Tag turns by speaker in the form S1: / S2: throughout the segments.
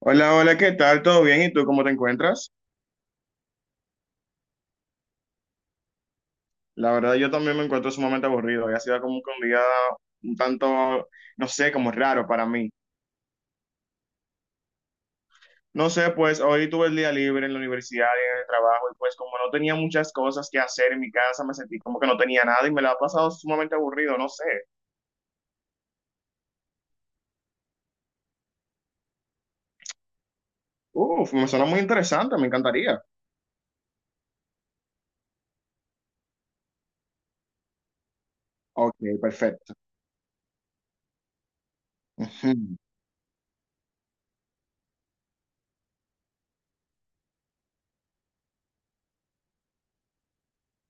S1: Hola, hola, ¿qué tal? ¿Todo bien? ¿Y tú cómo te encuentras? La verdad, yo también me encuentro sumamente aburrido. Hoy ha sido como que un día un tanto, no sé, como raro para mí. No sé, pues hoy tuve el día libre en la universidad y en el trabajo y pues como no tenía muchas cosas que hacer en mi casa, me sentí como que no tenía nada y me la ha pasado sumamente aburrido, no sé. Uf, me suena muy interesante, me encantaría. Ok, perfecto.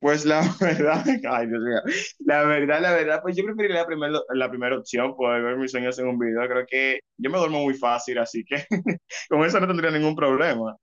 S1: Pues la verdad, ay Dios mío, la verdad, pues yo preferiría la primera opción, poder ver mis sueños en un video. Creo que yo me duermo muy fácil, así que con eso no tendría ningún problema.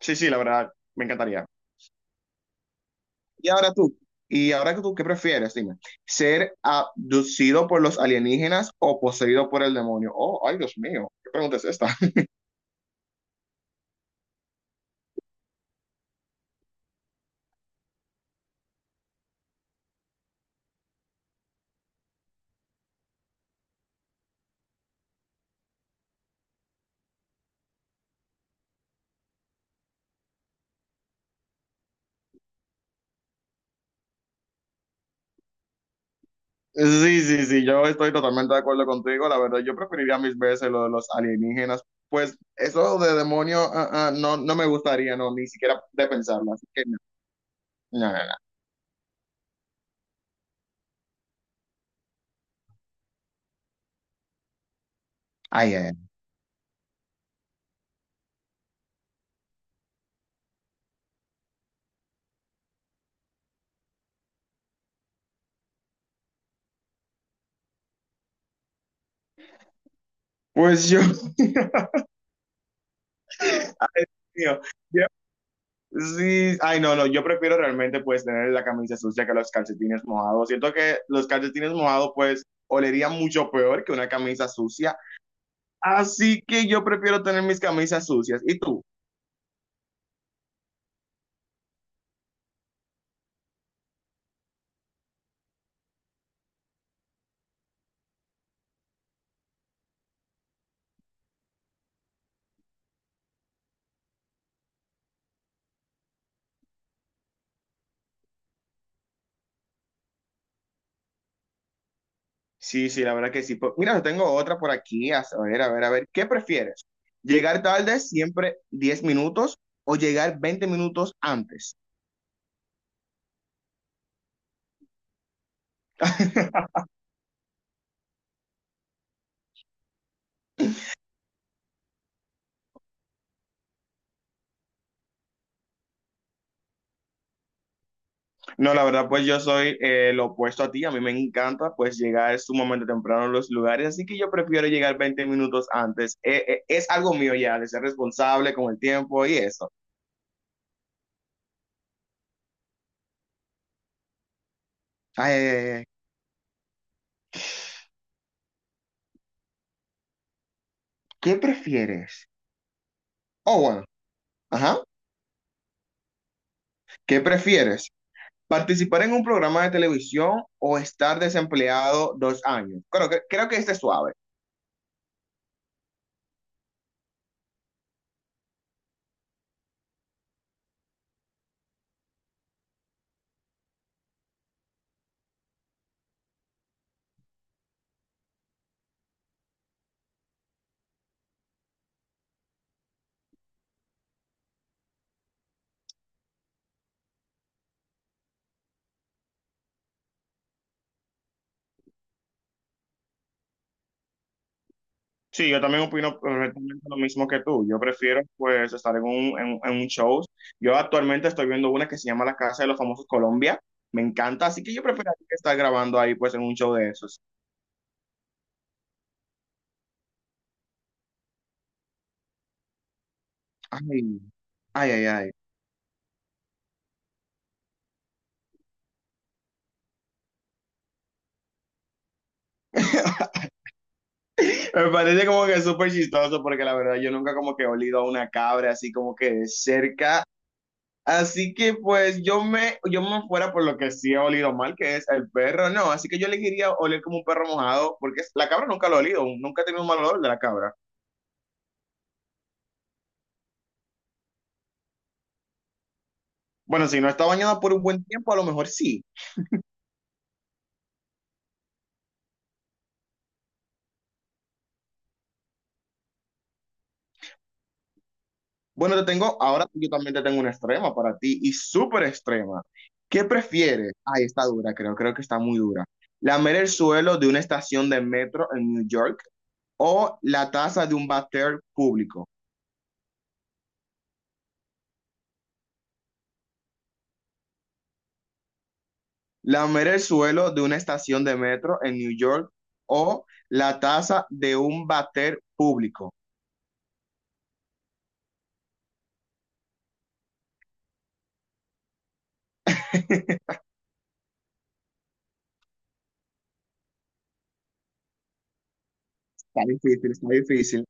S1: Sí, sí, la verdad, me encantaría. Y ahora tú, y ahora que tú, ¿qué prefieres? Dime, ¿ser abducido por los alienígenas o poseído por el demonio? Oh, ay Dios mío, ¿qué pregunta es esta? Sí, sí, sí, yo estoy totalmente de acuerdo contigo. La verdad, yo preferiría mis veces lo de los alienígenas. Pues eso de demonio, ah, ah, no, no me gustaría, no, ni siquiera de pensarlo. Así que no, no, no, no. Ay, ay, ay. Pues yo, mío, yo- sí, ay, no, no, yo prefiero realmente pues tener la camisa sucia que los calcetines mojados. Siento que los calcetines mojados pues olerían mucho peor que una camisa sucia. Así que yo prefiero tener mis camisas sucias. ¿Y tú? Sí, sí, la verdad que sí. Pues, mira, yo tengo otra por aquí. A ver, a ver, a ver. ¿Qué prefieres? ¿Llegar tarde siempre 10 minutos o llegar 20 minutos antes? No, la verdad, pues yo soy lo opuesto a ti. A mí me encanta pues llegar sumamente temprano a los lugares, así que yo prefiero llegar 20 minutos antes. Es algo mío ya, de ser responsable con el tiempo y eso. Ay, ay, ay, ay. ¿Qué prefieres? Oh, bueno, ajá. ¿Qué prefieres? Participar en un programa de televisión o estar desempleado 2 años. Creo que este es suave. Sí, yo también opino correctamente lo mismo que tú. Yo prefiero pues estar en un show. Yo actualmente estoy viendo una que se llama La Casa de los Famosos Colombia. Me encanta, así que yo prefiero estar grabando ahí pues en un show de esos. Ay, ay, ay, ay. Me parece como que súper chistoso porque la verdad yo nunca como que he olido a una cabra así como que de cerca. Así que pues yo me fuera por lo que sí ha olido mal, que es el perro, no. Así que yo elegiría oler como un perro mojado, porque la cabra nunca lo he olido, nunca he tenido un mal olor de la cabra. Bueno, si no está bañada por un buen tiempo, a lo mejor sí. Bueno, te tengo, ahora sí, yo también te tengo una extrema para ti, y súper extrema. ¿Qué prefieres? Ay, está dura, creo que está muy dura. ¿Lamer el suelo de una estación de metro en New York o la taza de un váter público? Lamer el suelo de una estación de metro en New York o la taza de un váter público. Está difícil, está difícil.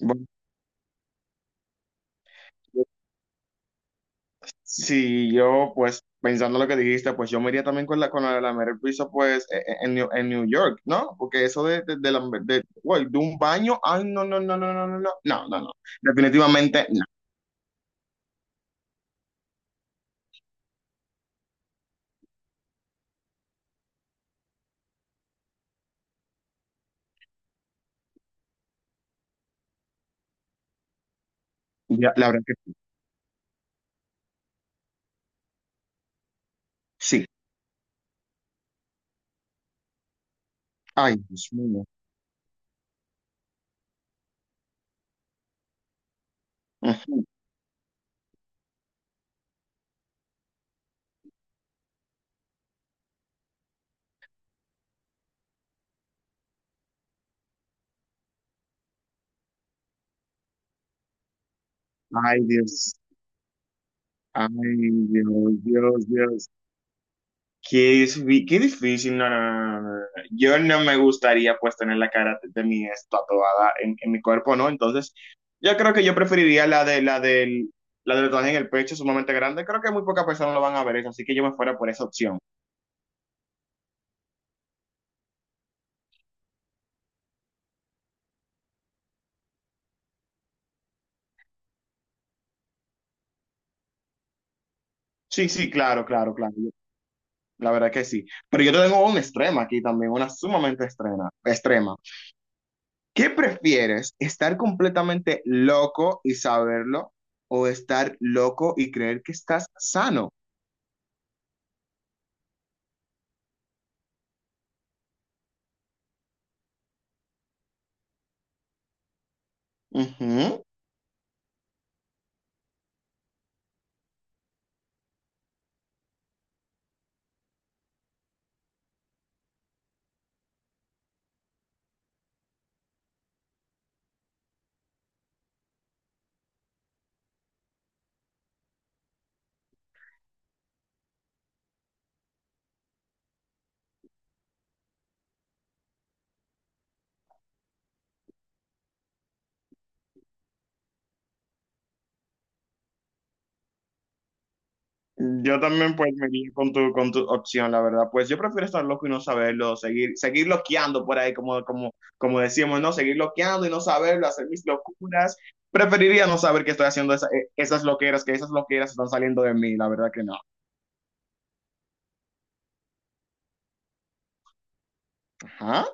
S1: Bueno, si yo, pues, pensando lo que dijiste, pues yo me iría también con la de lamer el piso, pues, e- e- en New York, ¿no? Porque eso de uy, de un baño, ay, no, no, no, no, no, no, no, no, no, no. Definitivamente no. Ya, la verdad que sí. Ay, Dios mío. Ay, Dios. Ay, Dios, Dios, Dios. Qué difícil, no, no, no, no, no, no, no. Yo no me gustaría pues tener la cara de mi ex tatuada en mi cuerpo, ¿no? Entonces, yo creo que yo preferiría la del tatuaje en el pecho sumamente grande. Creo que muy pocas personas lo van a ver eso, así que yo me fuera por esa opción. Sí, sí, claro, claro, claro. La verdad que sí. Pero yo tengo un extremo aquí también, una sumamente extrema, extrema. ¿Qué prefieres? ¿Estar completamente loco y saberlo o estar loco y creer que estás sano? Ujú. Yo también pues me iría con tu opción, la verdad. Pues yo prefiero estar loco y no saberlo, seguir loqueando por ahí, como decíamos, ¿no? Seguir loqueando y no saberlo, hacer mis locuras. Preferiría no saber que estoy haciendo esas loqueras, que esas loqueras están saliendo de mí, la verdad que no. Ajá.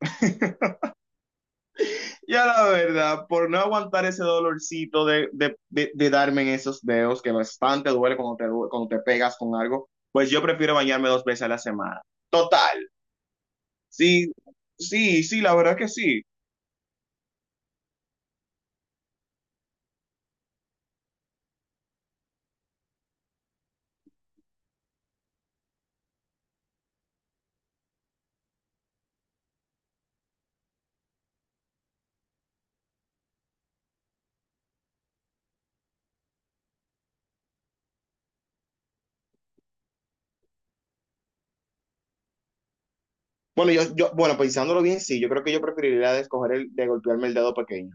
S1: Ya la verdad, por no aguantar ese dolorcito de darme en esos dedos, que bastante duele cuando cuando te pegas con algo, pues yo prefiero bañarme 2 veces a la semana. Total, sí, sí, sí, la verdad que sí. Bueno, bueno, pensándolo bien, sí, yo creo que yo preferiría de escoger el de golpearme el dedo pequeño.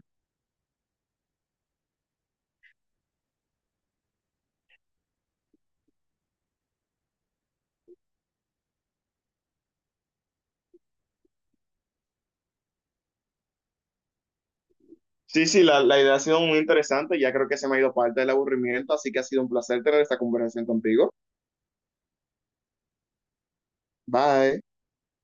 S1: Sí, sí, la idea ha sido muy interesante. Ya creo que se me ha ido parte del aburrimiento, así que ha sido un placer tener esta conversación contigo. Bye.